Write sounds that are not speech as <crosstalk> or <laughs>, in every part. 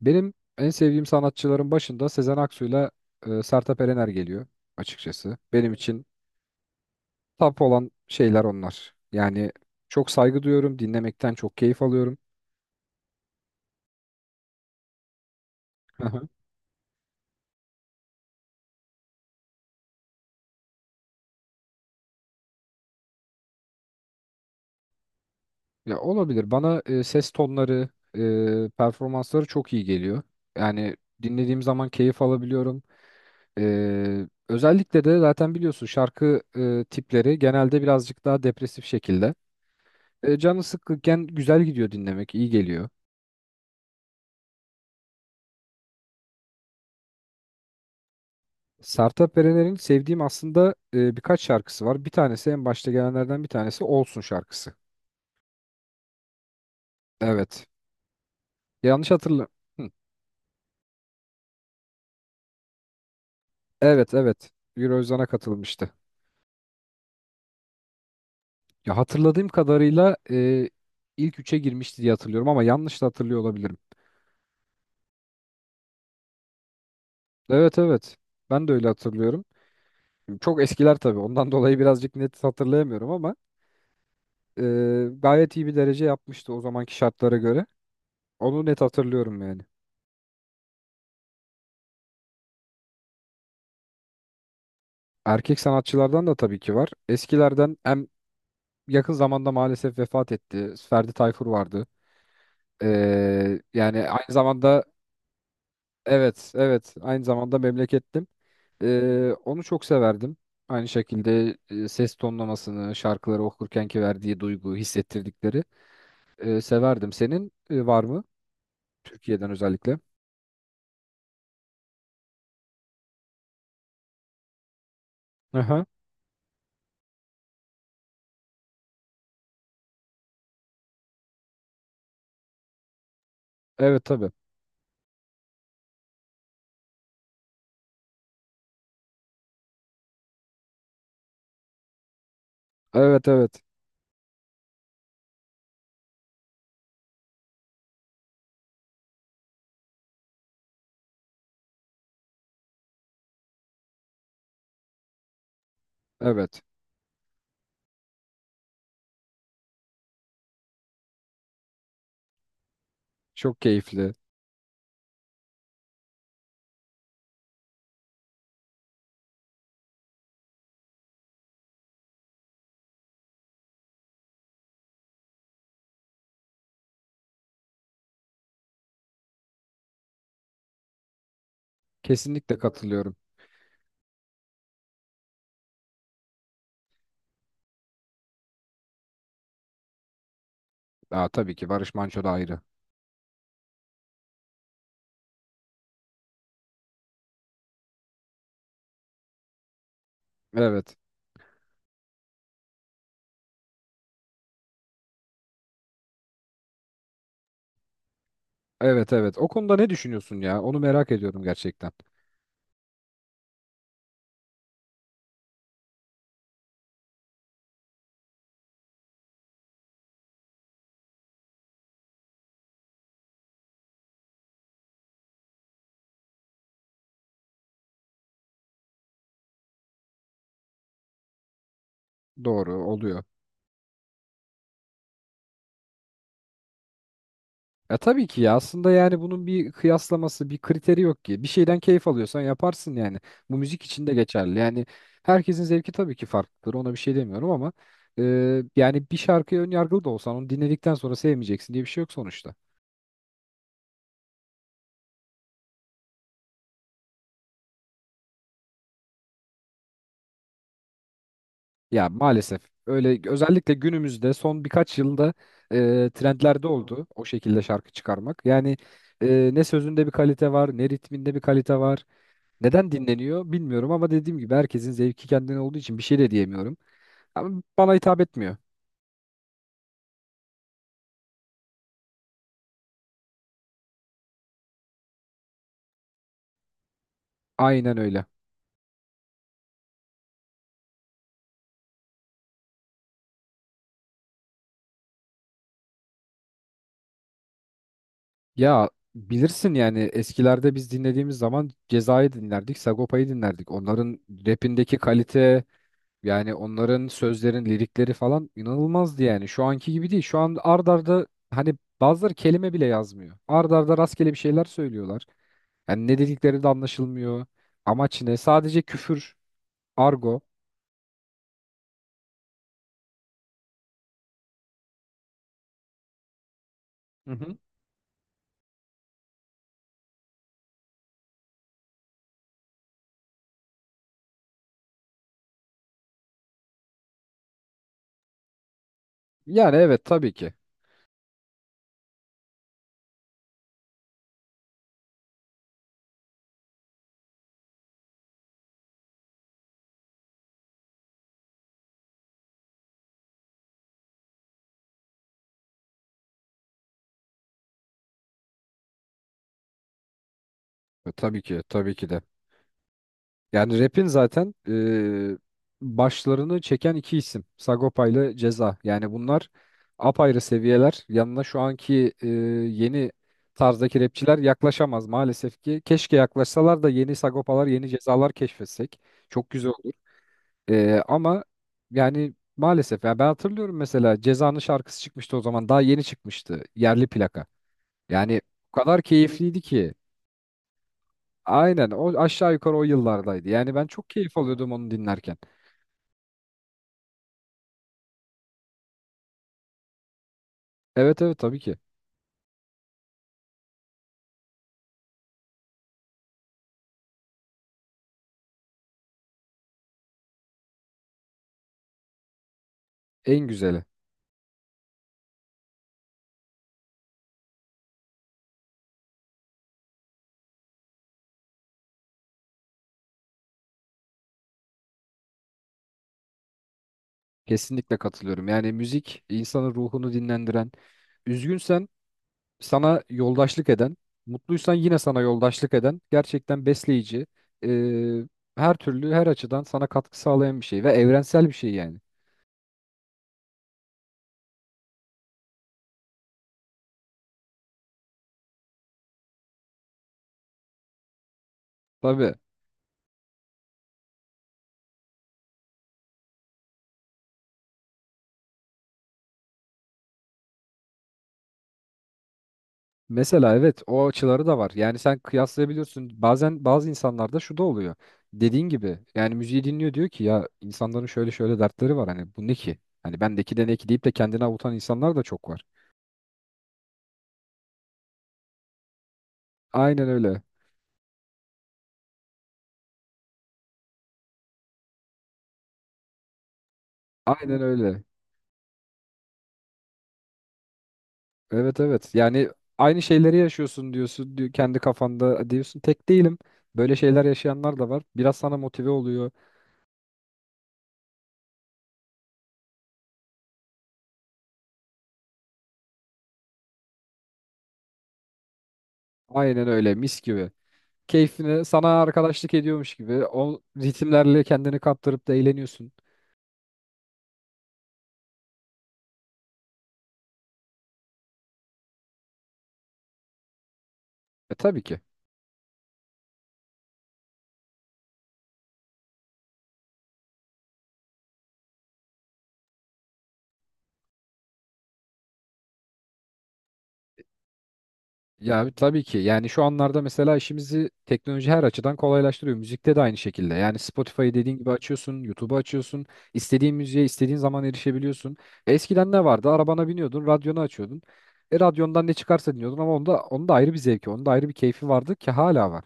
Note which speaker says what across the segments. Speaker 1: Benim en sevdiğim sanatçıların başında Sezen Aksu'yla Sertab Erener geliyor açıkçası. Benim için top olan şeyler onlar. Yani çok saygı duyuyorum, dinlemekten çok keyif alıyorum. Hı hı. Ya olabilir. Bana ses tonları, performansları çok iyi geliyor. Yani dinlediğim zaman keyif alabiliyorum. Özellikle de zaten biliyorsun şarkı tipleri genelde birazcık daha depresif şekilde. Canı sıkkınken güzel gidiyor dinlemek, iyi geliyor. Sertab Erener'in sevdiğim aslında birkaç şarkısı var. Bir tanesi en başta gelenlerden bir tanesi Olsun şarkısı. Evet. Yanlış hatırla. Evet, evet. Eurovision'a katılmıştı. Ya, hatırladığım kadarıyla ilk üçe girmişti diye hatırlıyorum ama yanlış da hatırlıyor olabilirim. Evet, evet. Ben de öyle hatırlıyorum. Çok eskiler tabii. Ondan <laughs> dolayı birazcık net hatırlayamıyorum ama e, gayet iyi bir derece yapmıştı o zamanki şartlara göre. Onu net hatırlıyorum yani. Erkek sanatçılardan da tabii ki var. Eskilerden hem yakın zamanda maalesef vefat etti. Ferdi Tayfur vardı. Yani aynı zamanda evet, evet, aynı zamanda memlekettim. Onu çok severdim. Aynı şekilde ses tonlamasını, şarkıları okurkenki verdiği duygu, hissettirdikleri severdim. Senin var mı? Türkiye'den özellikle. Aha. Evet, tabii. Evet, evet. Evet. Çok keyifli. Kesinlikle katılıyorum. Aa, tabii ki Barış Manço da ayrı. Evet. Evet, evet. O konuda ne düşünüyorsun ya? Onu merak ediyorum gerçekten. Doğru oluyor. E, tabii ki ya, aslında yani bunun bir kıyaslaması, bir kriteri yok ki. Bir şeyden keyif alıyorsan yaparsın yani. Bu müzik için de geçerli. Yani herkesin zevki tabii ki farklıdır. Ona bir şey demiyorum ama e, yani bir şarkıya ön yargılı da olsan onu dinledikten sonra sevmeyeceksin diye bir şey yok sonuçta. Ya, maalesef öyle, özellikle günümüzde son birkaç yılda trendlerde oldu o şekilde şarkı çıkarmak. Yani ne sözünde bir kalite var, ne ritminde bir kalite var. Neden dinleniyor bilmiyorum ama dediğim gibi herkesin zevki kendine olduğu için bir şey de diyemiyorum. Ama bana hitap etmiyor. Aynen öyle. Ya, bilirsin yani eskilerde biz dinlediğimiz zaman Ceza'yı dinlerdik, Sagopa'yı dinlerdik. Onların rapindeki kalite, yani onların sözlerin lirikleri falan inanılmazdı yani. Şu anki gibi değil. Şu an ard arda hani bazıları kelime bile yazmıyor. Ard arda rastgele bir şeyler söylüyorlar. Yani ne dedikleri de anlaşılmıyor. Amaç ne? Sadece küfür, argo. Hı hı. Yani evet, tabii ki. E, tabii ki, tabii ki de. Yani rap'in zaten başlarını çeken iki isim. Sagopa ile Ceza. Yani bunlar apayrı seviyeler. Yanına şu anki yeni tarzdaki rapçiler yaklaşamaz maalesef ki. Keşke yaklaşsalar da yeni Sagopalar, yeni Cezalar keşfetsek. Çok güzel olur. E, ama yani maalesef. Yani ben hatırlıyorum, mesela Ceza'nın şarkısı çıkmıştı o zaman. Daha yeni çıkmıştı. Yerli plaka. Yani o kadar keyifliydi ki. Aynen o aşağı yukarı o yıllardaydı. Yani ben çok keyif alıyordum onu dinlerken. Evet, evet, tabii ki. En güzeli. Kesinlikle katılıyorum. Yani müzik insanın ruhunu dinlendiren, üzgünsen sana yoldaşlık eden, mutluysan yine sana yoldaşlık eden gerçekten besleyici, e, her türlü her açıdan sana katkı sağlayan bir şey ve evrensel bir şey yani. Tabii. Mesela evet, o açıları da var. Yani sen kıyaslayabiliyorsun. Bazen bazı insanlarda şu da oluyor. Dediğin gibi yani müziği dinliyor diyor ki ya, insanların şöyle şöyle dertleri var, hani bu ne ki? Hani bendeki de ne ki deyip de kendini avutan insanlar da çok var. Aynen öyle. Aynen öyle. Evet, evet. Yani aynı şeyleri yaşıyorsun diyorsun, diyor, kendi kafanda diyorsun tek değilim. Böyle şeyler yaşayanlar da var. Biraz sana motive oluyor. Aynen öyle, mis gibi. Keyfini sana arkadaşlık ediyormuş gibi o ritimlerle kendini kaptırıp da eğleniyorsun. E, tabii ki. Ya, tabii ki. Yani şu anlarda mesela işimizi teknoloji her açıdan kolaylaştırıyor. Müzikte de aynı şekilde. Yani Spotify'ı dediğin gibi açıyorsun, YouTube'u açıyorsun. İstediğin müziğe istediğin zaman erişebiliyorsun. Eskiden ne vardı? Arabana biniyordun, radyonu açıyordun. E, radyondan ne çıkarsa dinliyordun ama onda ayrı bir zevki, onda ayrı bir keyfi vardı ki hala var.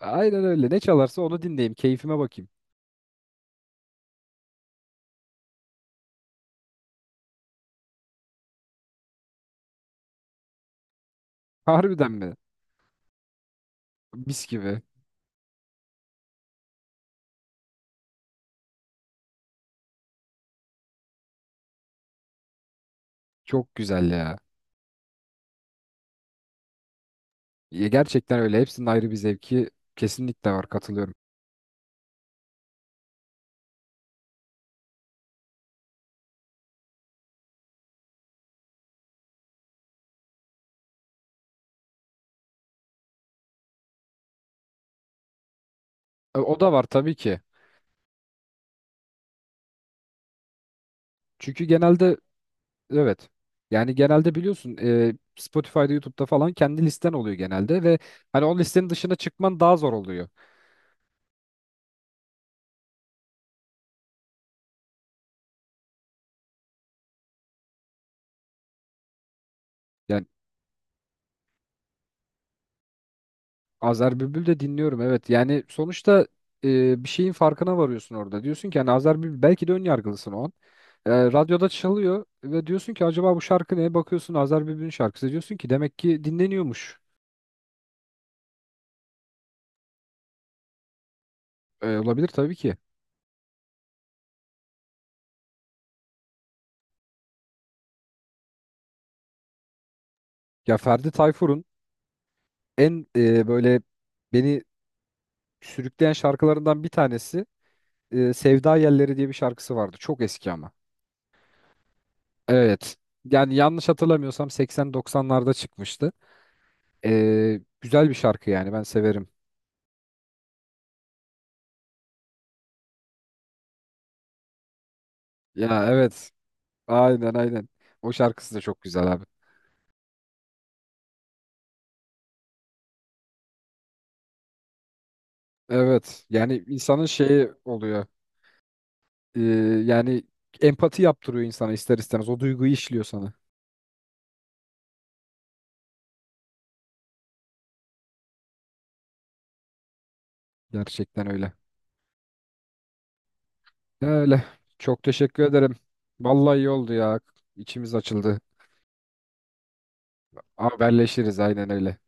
Speaker 1: Aynen öyle. Ne çalarsa onu dinleyeyim, keyfime bakayım. <laughs> Harbiden mi? Mis gibi. Çok güzel ya. Ya, gerçekten öyle. Hepsinin ayrı bir zevki kesinlikle var. Katılıyorum. E, o da var tabii ki. Çünkü genelde evet. Yani genelde biliyorsun Spotify'da, YouTube'da falan kendi listen oluyor genelde ve hani o listenin dışına çıkman daha zor oluyor. Yani Azer Bülbül de dinliyorum, evet. Yani sonuçta bir şeyin farkına varıyorsun orada. Diyorsun ki hani Azer Bülbül, belki de ön yargılısın o an. E, radyoda çalıyor ve diyorsun ki acaba bu şarkı ne? Bakıyorsun Azer Bülbül'ün şarkısı. Diyorsun ki demek ki dinleniyormuş. E, olabilir tabii ki. Ya Ferdi Tayfur'un en böyle beni sürükleyen şarkılarından bir tanesi Sevda Yelleri diye bir şarkısı vardı. Çok eski ama. Evet. Yani yanlış hatırlamıyorsam 80-90'larda çıkmıştı. E, güzel bir şarkı yani ben severim. Ya, evet. Aynen, aynen. O şarkısı da çok güzel abi. Evet. Yani insanın şeyi oluyor. E, yani empati yaptırıyor insana ister istemez. O duyguyu işliyor sana. Gerçekten öyle. Öyle. Çok teşekkür ederim. Vallahi iyi oldu ya. İçimiz açıldı. Haberleşiriz aynen öyle.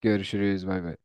Speaker 1: Görüşürüz, bay bay.